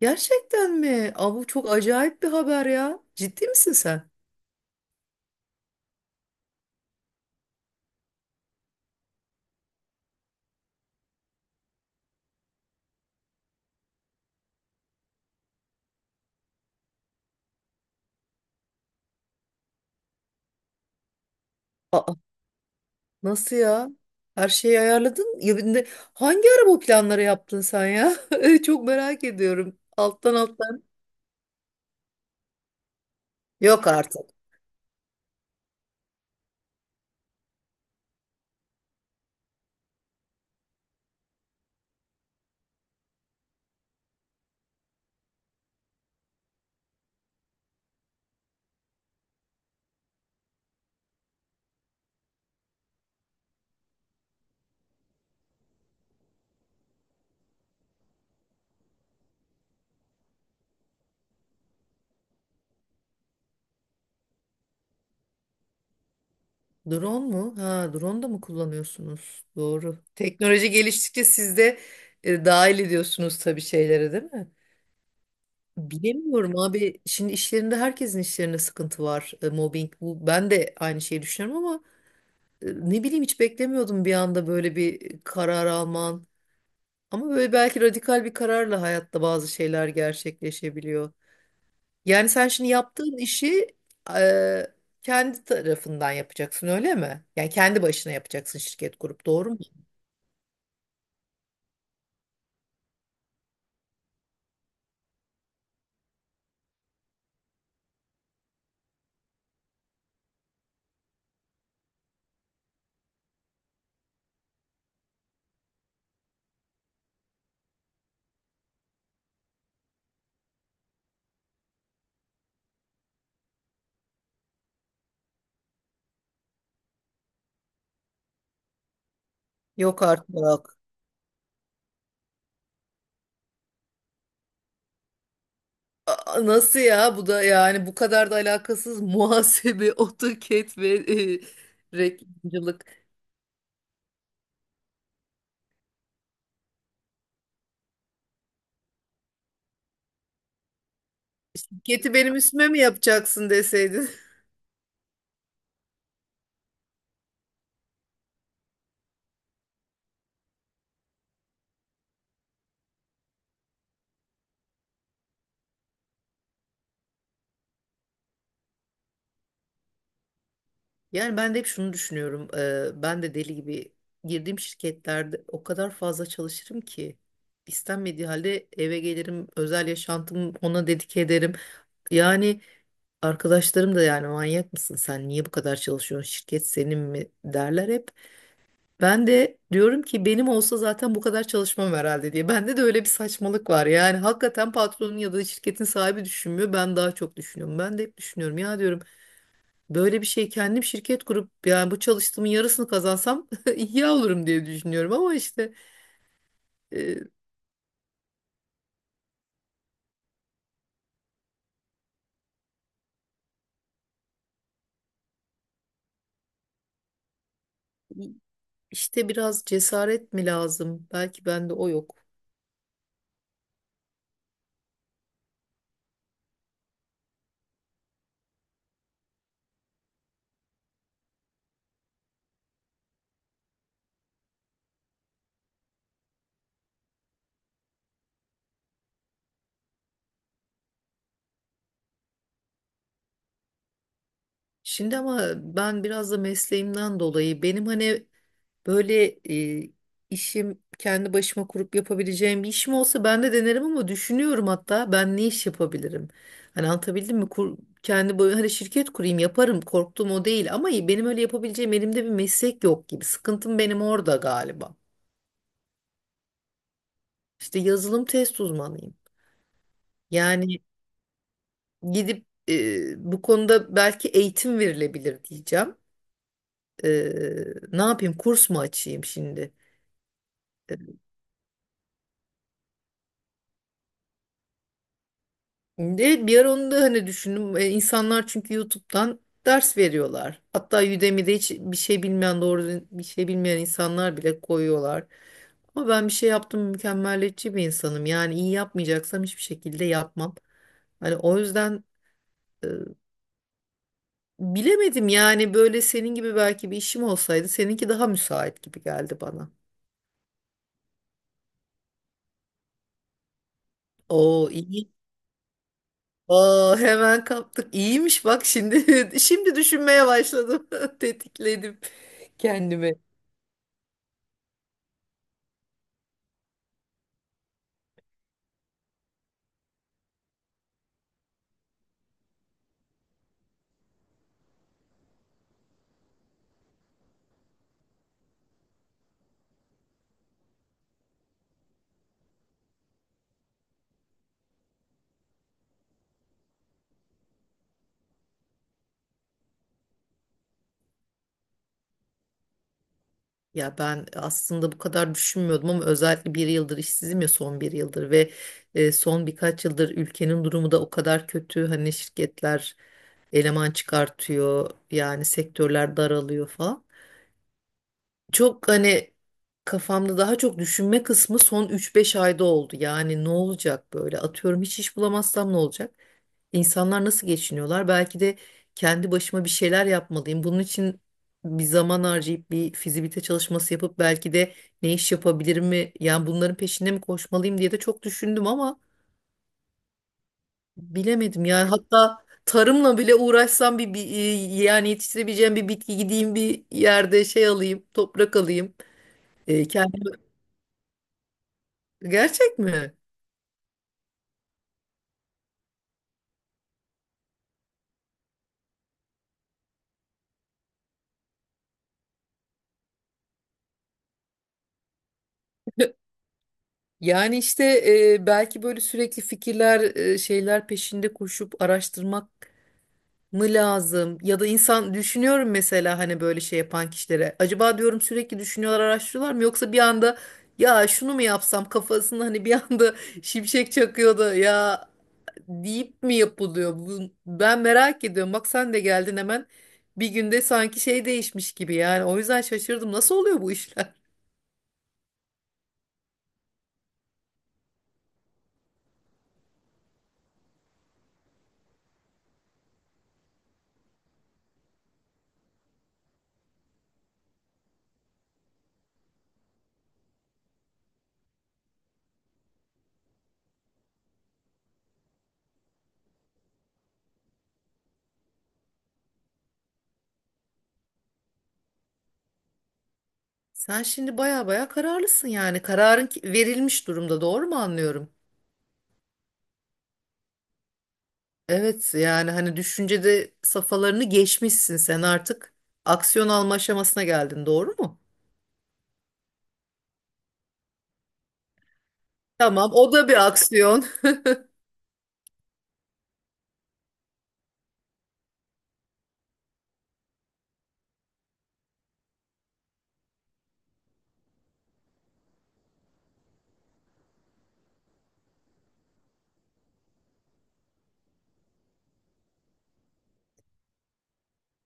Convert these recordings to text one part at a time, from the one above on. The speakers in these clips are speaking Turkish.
Gerçekten mi? Aa, bu çok acayip bir haber ya. Ciddi misin sen? Aa, nasıl ya? Her şeyi ayarladın. Ya, bir de hangi ara bu planları yaptın sen ya? Çok merak ediyorum. Alttan alttan. Yok artık. Drone mu? Ha, drone da mı kullanıyorsunuz? Doğru. Teknoloji geliştikçe siz de dahil ediyorsunuz tabii şeylere, değil mi? Bilemiyorum abi. Şimdi işlerinde herkesin işlerinde sıkıntı var. E, mobbing bu. Ben de aynı şeyi düşünüyorum ama ne bileyim, hiç beklemiyordum bir anda böyle bir karar alman. Ama böyle belki radikal bir kararla hayatta bazı şeyler gerçekleşebiliyor. Yani sen şimdi yaptığın işi e, kendi tarafından yapacaksın, öyle mi? Yani kendi başına yapacaksın şirket kurup, doğru mu? Yok artık. Aa, nasıl ya? Bu da yani bu kadar da alakasız muhasebe, AutoCAD ve e, reklamcılık. Şirketi benim üstüme mi yapacaksın deseydin? Yani ben de hep şunu düşünüyorum. Ben de deli gibi girdiğim şirketlerde o kadar fazla çalışırım ki istenmediği halde eve gelirim, özel yaşantımı ona dedike ederim. Yani arkadaşlarım da, yani manyak mısın sen? Niye bu kadar çalışıyorsun? Şirket senin mi, derler hep. Ben de diyorum ki benim olsa zaten bu kadar çalışmam herhalde diye. Bende de öyle bir saçmalık var. Yani hakikaten patronun ya da şirketin sahibi düşünmüyor. Ben daha çok düşünüyorum. Ben de hep düşünüyorum ya, diyorum. Böyle bir şey kendim şirket kurup yani bu çalıştığımın yarısını kazansam iyi olurum diye düşünüyorum ama işte e, işte biraz cesaret mi lazım? Belki bende o yok. Şimdi ama ben biraz da mesleğimden dolayı benim hani böyle e, işim kendi başıma kurup yapabileceğim bir işim olsa ben de denerim ama düşünüyorum, hatta ben ne iş yapabilirim? Hani anlatabildim mi? Kendi böyle hani şirket kurayım yaparım, korktuğum o değil ama benim öyle yapabileceğim elimde bir meslek yok gibi. Sıkıntım benim orada galiba. İşte yazılım test uzmanıyım. Yani gidip bu konuda belki eğitim verilebilir diyeceğim. E, Ne yapayım, kurs mu açayım şimdi? E, Evet, bir ara onu da hani düşündüm. E, insanlar çünkü YouTube'dan ders veriyorlar. Hatta Udemy'de hiç bir şey bilmeyen, doğru düzgün bir şey bilmeyen insanlar bile koyuyorlar. Ama ben bir şey yaptım, mükemmeliyetçi bir insanım. Yani iyi yapmayacaksam hiçbir şekilde yapmam. Hani o yüzden e, bilemedim yani. Böyle senin gibi belki bir işim olsaydı, seninki daha müsait gibi geldi bana. Oo iyi. Aa, hemen kaptık. İyiymiş bak, şimdi şimdi düşünmeye başladım. Tetikledim kendimi. Ya ben aslında bu kadar düşünmüyordum ama özellikle bir yıldır işsizim ya, son bir yıldır ve son birkaç yıldır ülkenin durumu da o kadar kötü. Hani şirketler eleman çıkartıyor, yani sektörler daralıyor falan. Çok hani kafamda daha çok düşünme kısmı son üç beş ayda oldu. Yani ne olacak böyle, atıyorum hiç iş bulamazsam ne olacak? İnsanlar nasıl geçiniyorlar? Belki de kendi başıma bir şeyler yapmalıyım. Bunun için bir zaman harcayıp bir fizibilite çalışması yapıp belki de ne iş yapabilirim mi? Yani bunların peşinde mi koşmalıyım diye de çok düşündüm ama bilemedim. Yani hatta tarımla bile uğraşsam yani yetiştirebileceğim bir bitki, gideyim bir yerde şey alayım, toprak alayım. E, kendim... Gerçek mi? Yani işte belki böyle sürekli fikirler, şeyler peşinde koşup araştırmak mı lazım? Ya da insan düşünüyorum mesela hani böyle şey yapan kişilere. Acaba diyorum, sürekli düşünüyorlar, araştırıyorlar mı? Yoksa bir anda ya şunu mu yapsam kafasında, hani bir anda şimşek çakıyordu ya deyip mi yapılıyor? Bu, ben merak ediyorum. Bak sen de geldin hemen. Bir günde sanki şey değişmiş gibi yani. O yüzden şaşırdım. Nasıl oluyor bu işler? Sen şimdi baya baya kararlısın yani. Verilmiş durumda. Doğru mu anlıyorum? Evet, yani hani düşüncede safhalarını geçmişsin sen, artık aksiyon alma aşamasına geldin, doğru mu? Tamam, o da bir aksiyon.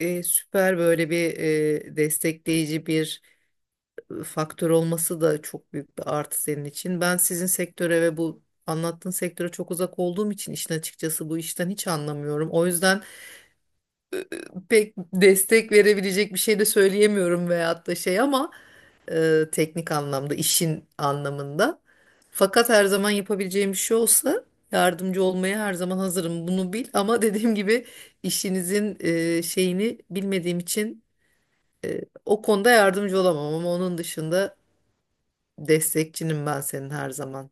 E, süper böyle bir destekleyici bir faktör olması da çok büyük bir artı senin için. Ben sizin sektöre ve bu anlattığın sektöre çok uzak olduğum için işin açıkçası, bu işten hiç anlamıyorum. O yüzden pek destek verebilecek bir şey de söyleyemiyorum veyahut da şey, ama teknik anlamda, işin anlamında. Fakat her zaman yapabileceğim bir şey olsa yardımcı olmaya her zaman hazırım. Bunu bil, ama dediğim gibi işinizin şeyini bilmediğim için o konuda yardımcı olamam ama onun dışında destekçinim ben senin her zaman.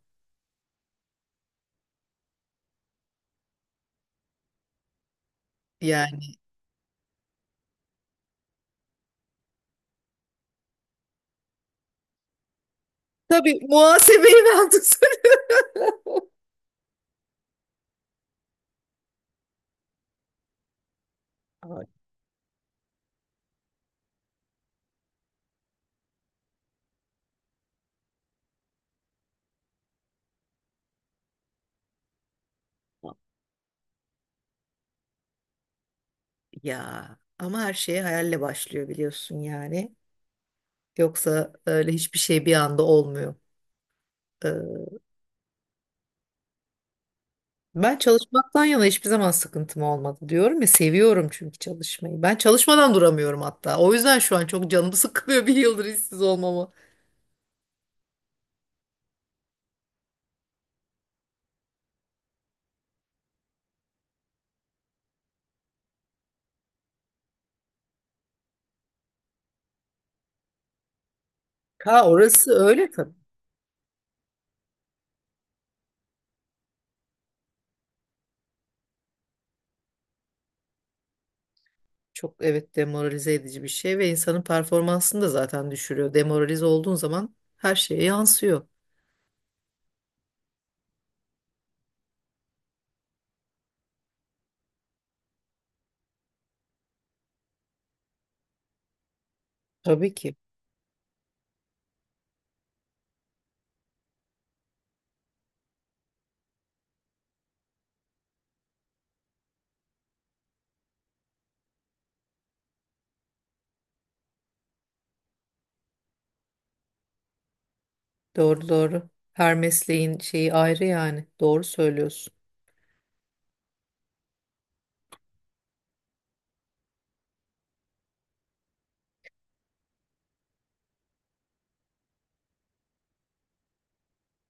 Yani tabii muhasebeyi ben tutarım. Ya ama her şey hayalle başlıyor biliyorsun yani. Yoksa öyle hiçbir şey bir anda olmuyor. Ben çalışmaktan yana hiçbir zaman sıkıntım olmadı, diyorum ya, seviyorum çünkü çalışmayı. Ben çalışmadan duramıyorum hatta. O yüzden şu an çok canımı sıkılıyor bir yıldır işsiz olmama. Ha, orası öyle tabii. Çok, evet, demoralize edici bir şey ve insanın performansını da zaten düşürüyor. Demoralize olduğun zaman her şeye yansıyor. Tabii ki. Doğru doğru. Her mesleğin şeyi ayrı yani. Doğru söylüyorsun.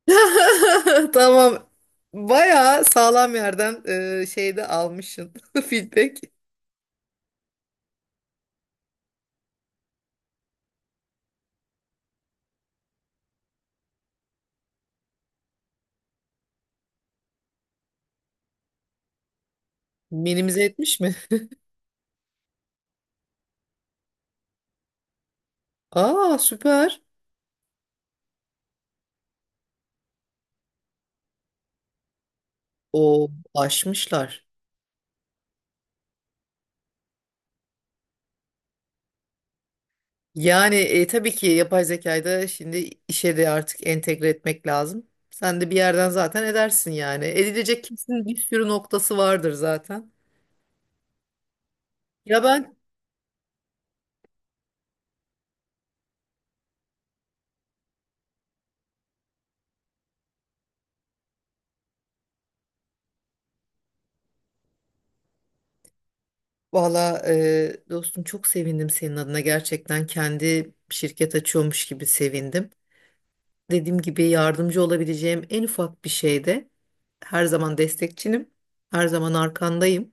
Tamam. Bayağı sağlam yerden şeyde almışsın feedback. Minimize etmiş mi? Aa süper. O aşmışlar. Yani tabii ki yapay zekayı da şimdi işe de artık entegre etmek lazım. Sen de bir yerden zaten edersin yani. Edilecek kesin bir sürü noktası vardır zaten. Ya, valla dostum çok sevindim senin adına. Gerçekten kendi şirket açıyormuş gibi sevindim. Dediğim gibi yardımcı olabileceğim en ufak bir şeyde her zaman destekçinim. Her zaman arkandayım.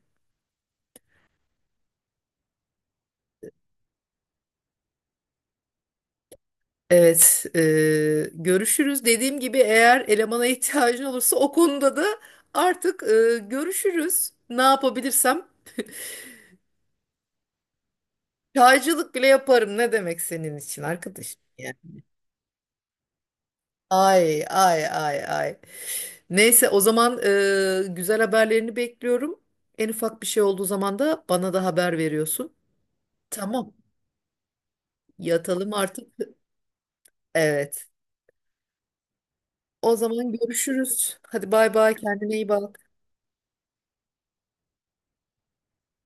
Evet, görüşürüz. Dediğim gibi eğer elemana ihtiyacın olursa o konuda da artık görüşürüz. Ne yapabilirsem çaycılık bile yaparım. Ne demek senin için arkadaş? Yani. Ay ay ay ay. Neyse, o zaman güzel haberlerini bekliyorum. En ufak bir şey olduğu zaman da bana da haber veriyorsun. Tamam. Yatalım artık. Evet. O zaman görüşürüz. Hadi bay bay. Kendine iyi bak.